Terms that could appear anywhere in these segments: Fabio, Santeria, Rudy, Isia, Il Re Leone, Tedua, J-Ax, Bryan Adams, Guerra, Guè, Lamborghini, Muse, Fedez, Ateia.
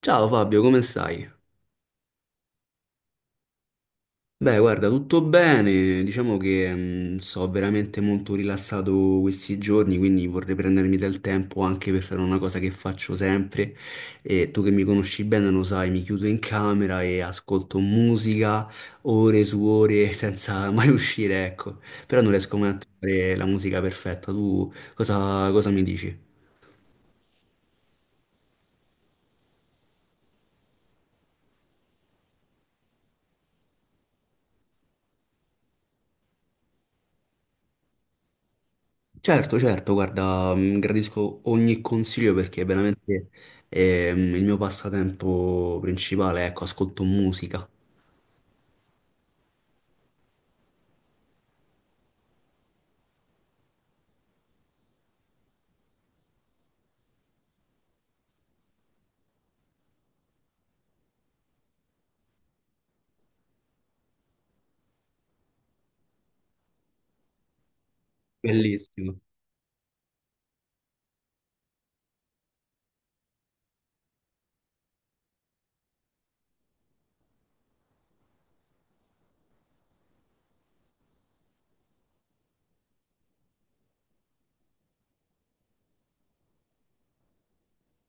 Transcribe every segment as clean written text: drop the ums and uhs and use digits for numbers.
Ciao Fabio, come stai? Beh, guarda, tutto bene. Diciamo che sto veramente molto rilassato questi giorni, quindi vorrei prendermi del tempo anche per fare una cosa che faccio sempre. E tu che mi conosci bene lo sai, mi chiudo in camera e ascolto musica ore su ore senza mai uscire, ecco. Però non riesco mai a trovare la musica perfetta. Tu cosa mi dici? Certo, certo, guarda, gradisco ogni consiglio perché veramente il mio passatempo principale, ecco, ascolto musica. Bellissimo.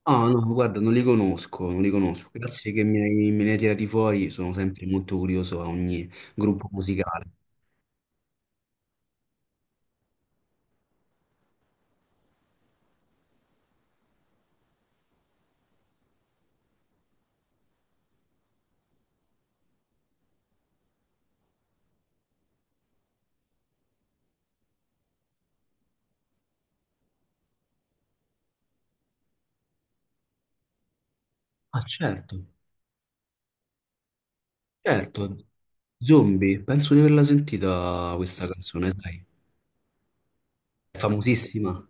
Ah, no, guarda, non li conosco. Grazie che me ne hai tirati fuori, sono sempre molto curioso a ogni gruppo musicale. Ah, certo, certo. Zombie, penso di averla sentita questa canzone, sai. È famosissima.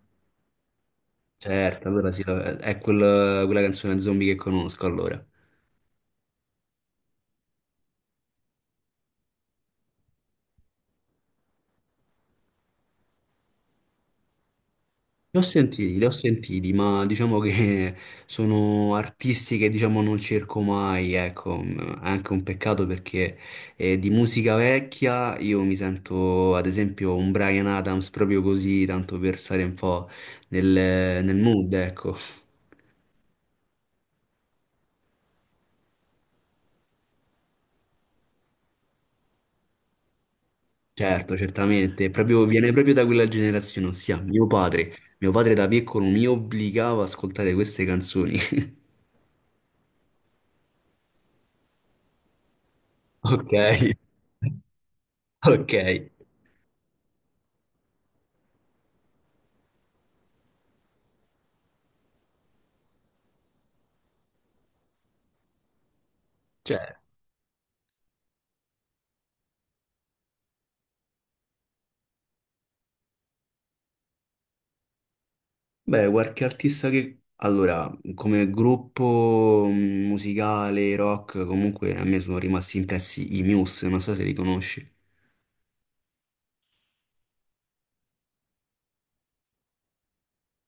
Certo, allora sì, è quella canzone zombie che conosco, allora. Li ho sentiti, ma diciamo che sono artisti che diciamo non cerco mai, ecco, è anche un peccato perché di musica vecchia io mi sento ad esempio un Bryan Adams proprio così, tanto per stare un po' nel, nel mood, ecco. Certo, certamente, viene proprio da quella generazione, ossia mio padre. Mio padre da piccolo mi obbligava ad ascoltare queste canzoni. Ok, ok, cioè. Beh, qualche artista che... Allora, come gruppo musicale, rock, comunque a me sono rimasti impressi i Muse, non so se li conosci.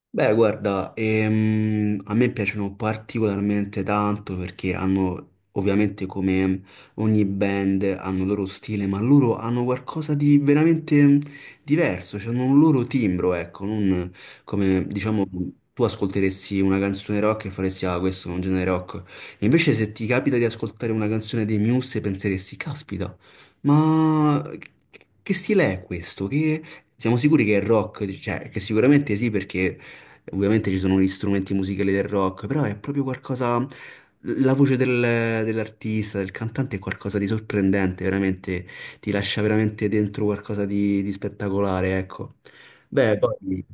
Beh, guarda, a me piacciono particolarmente tanto perché hanno, ovviamente come ogni band, hanno il loro stile, ma loro hanno qualcosa di veramente diverso, cioè hanno un loro timbro, ecco, non come, diciamo, tu ascolteresti una canzone rock e faresti, ah, questo è un genere rock. E invece se ti capita di ascoltare una canzone dei Muse penseresti, caspita, ma che stile è questo? Che... Siamo sicuri che è rock, cioè che sicuramente sì perché ovviamente ci sono gli strumenti musicali del rock, però è proprio qualcosa. La dell'artista, del cantante è qualcosa di sorprendente, veramente ti lascia veramente dentro qualcosa di spettacolare, ecco. Beh, poi.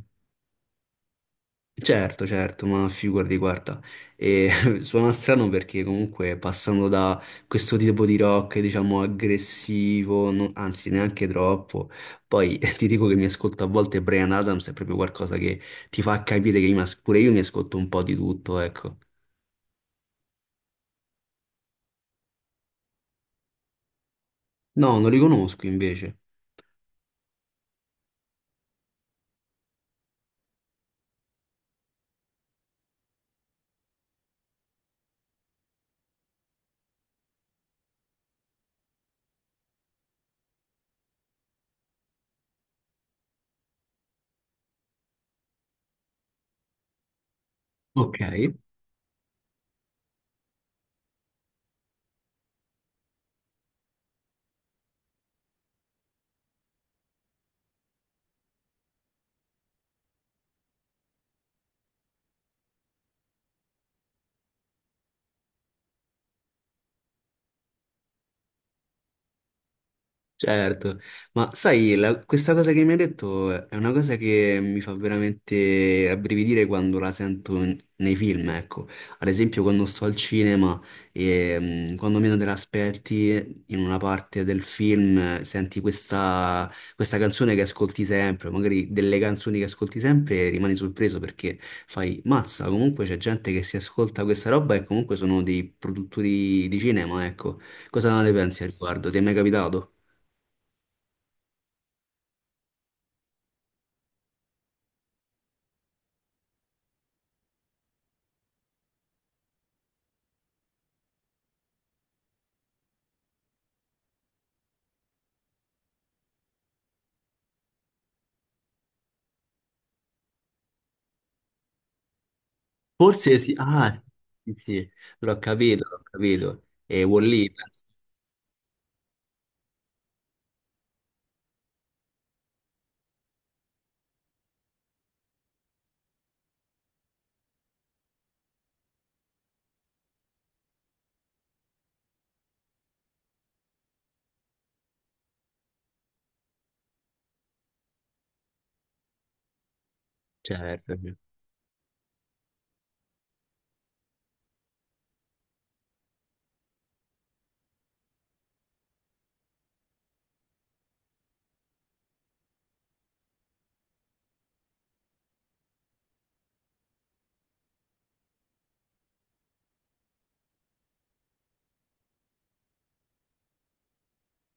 Certo, certo, ma figurati, guarda, e, suona strano perché comunque passando da questo tipo di rock, diciamo, aggressivo, anzi neanche troppo, poi ti dico che mi ascolto a volte Brian Adams, è proprio qualcosa che ti fa capire che pure io mi ascolto un po' di tutto, ecco. No, non li conosco invece. Ok. Certo, ma sai, questa cosa che mi hai detto è una cosa che mi fa veramente rabbrividire quando la nei film, ecco. Ad esempio quando sto al cinema e quando meno te l'aspetti in una parte del film senti questa canzone che ascolti sempre, magari delle canzoni che ascolti sempre e rimani sorpreso perché fai, mazza, comunque c'è gente che si ascolta questa roba e comunque sono dei produttori di cinema, ecco. Cosa ne pensi al riguardo? Ti è mai capitato? Forse sì, ah, sì, sì, l'ho capito, l'ho capito. E wall certo.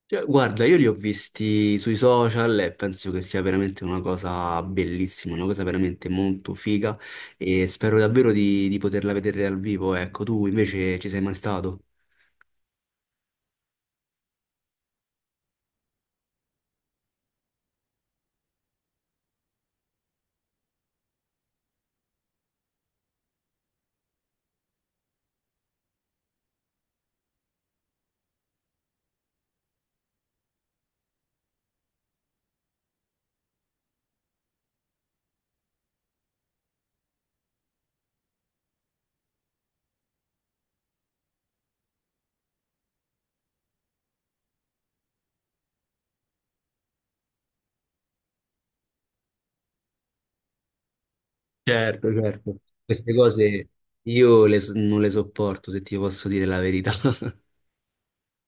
Cioè, guarda, io li ho visti sui social e penso che sia veramente una cosa bellissima, una cosa veramente molto figa e spero davvero di poterla vedere dal vivo. Ecco, tu invece ci sei mai stato? Certo, certo. Queste cose io non le sopporto, se ti posso dire la verità.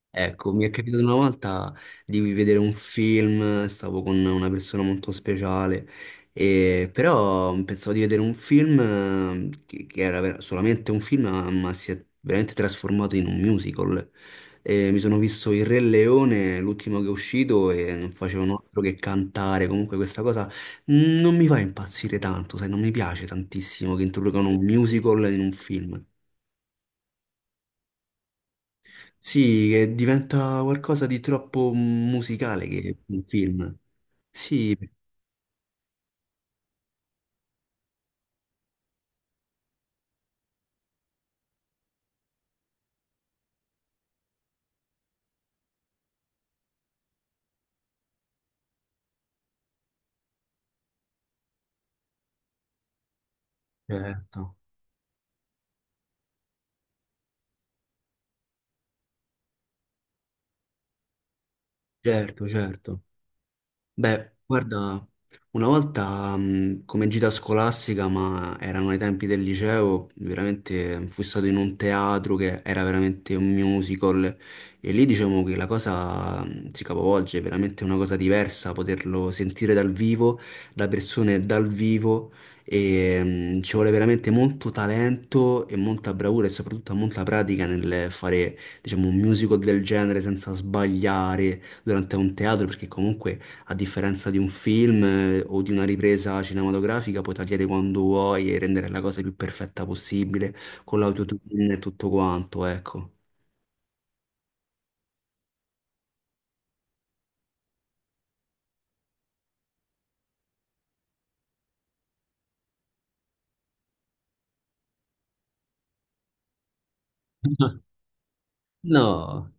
Ecco, mi è capitato una volta di vedere un film, stavo con una persona molto speciale, però pensavo di vedere un film che era solamente un film, ma si è veramente trasformato in un musical. E mi sono visto Il Re Leone, l'ultimo che è uscito, e non facevano altro che cantare. Comunque questa cosa non mi fa impazzire tanto, sai, non mi piace tantissimo che introducano un musical in un film. Sì, che diventa qualcosa di troppo musicale che un film. Sì, certo, certo, certo. Beh, guarda, una volta come gita scolastica, ma erano ai tempi del liceo, veramente fui stato in un teatro che era veramente un musical e lì diciamo che la cosa si capovolge, è veramente una cosa diversa poterlo sentire dal vivo, da persone dal vivo e ci vuole veramente molto talento e molta bravura e soprattutto molta pratica nel fare diciamo un musical del genere senza sbagliare durante un teatro perché comunque a differenza di un film o di una ripresa cinematografica, puoi tagliare quando vuoi e rendere la cosa più perfetta possibile con l'autotune e tutto quanto, ecco. No.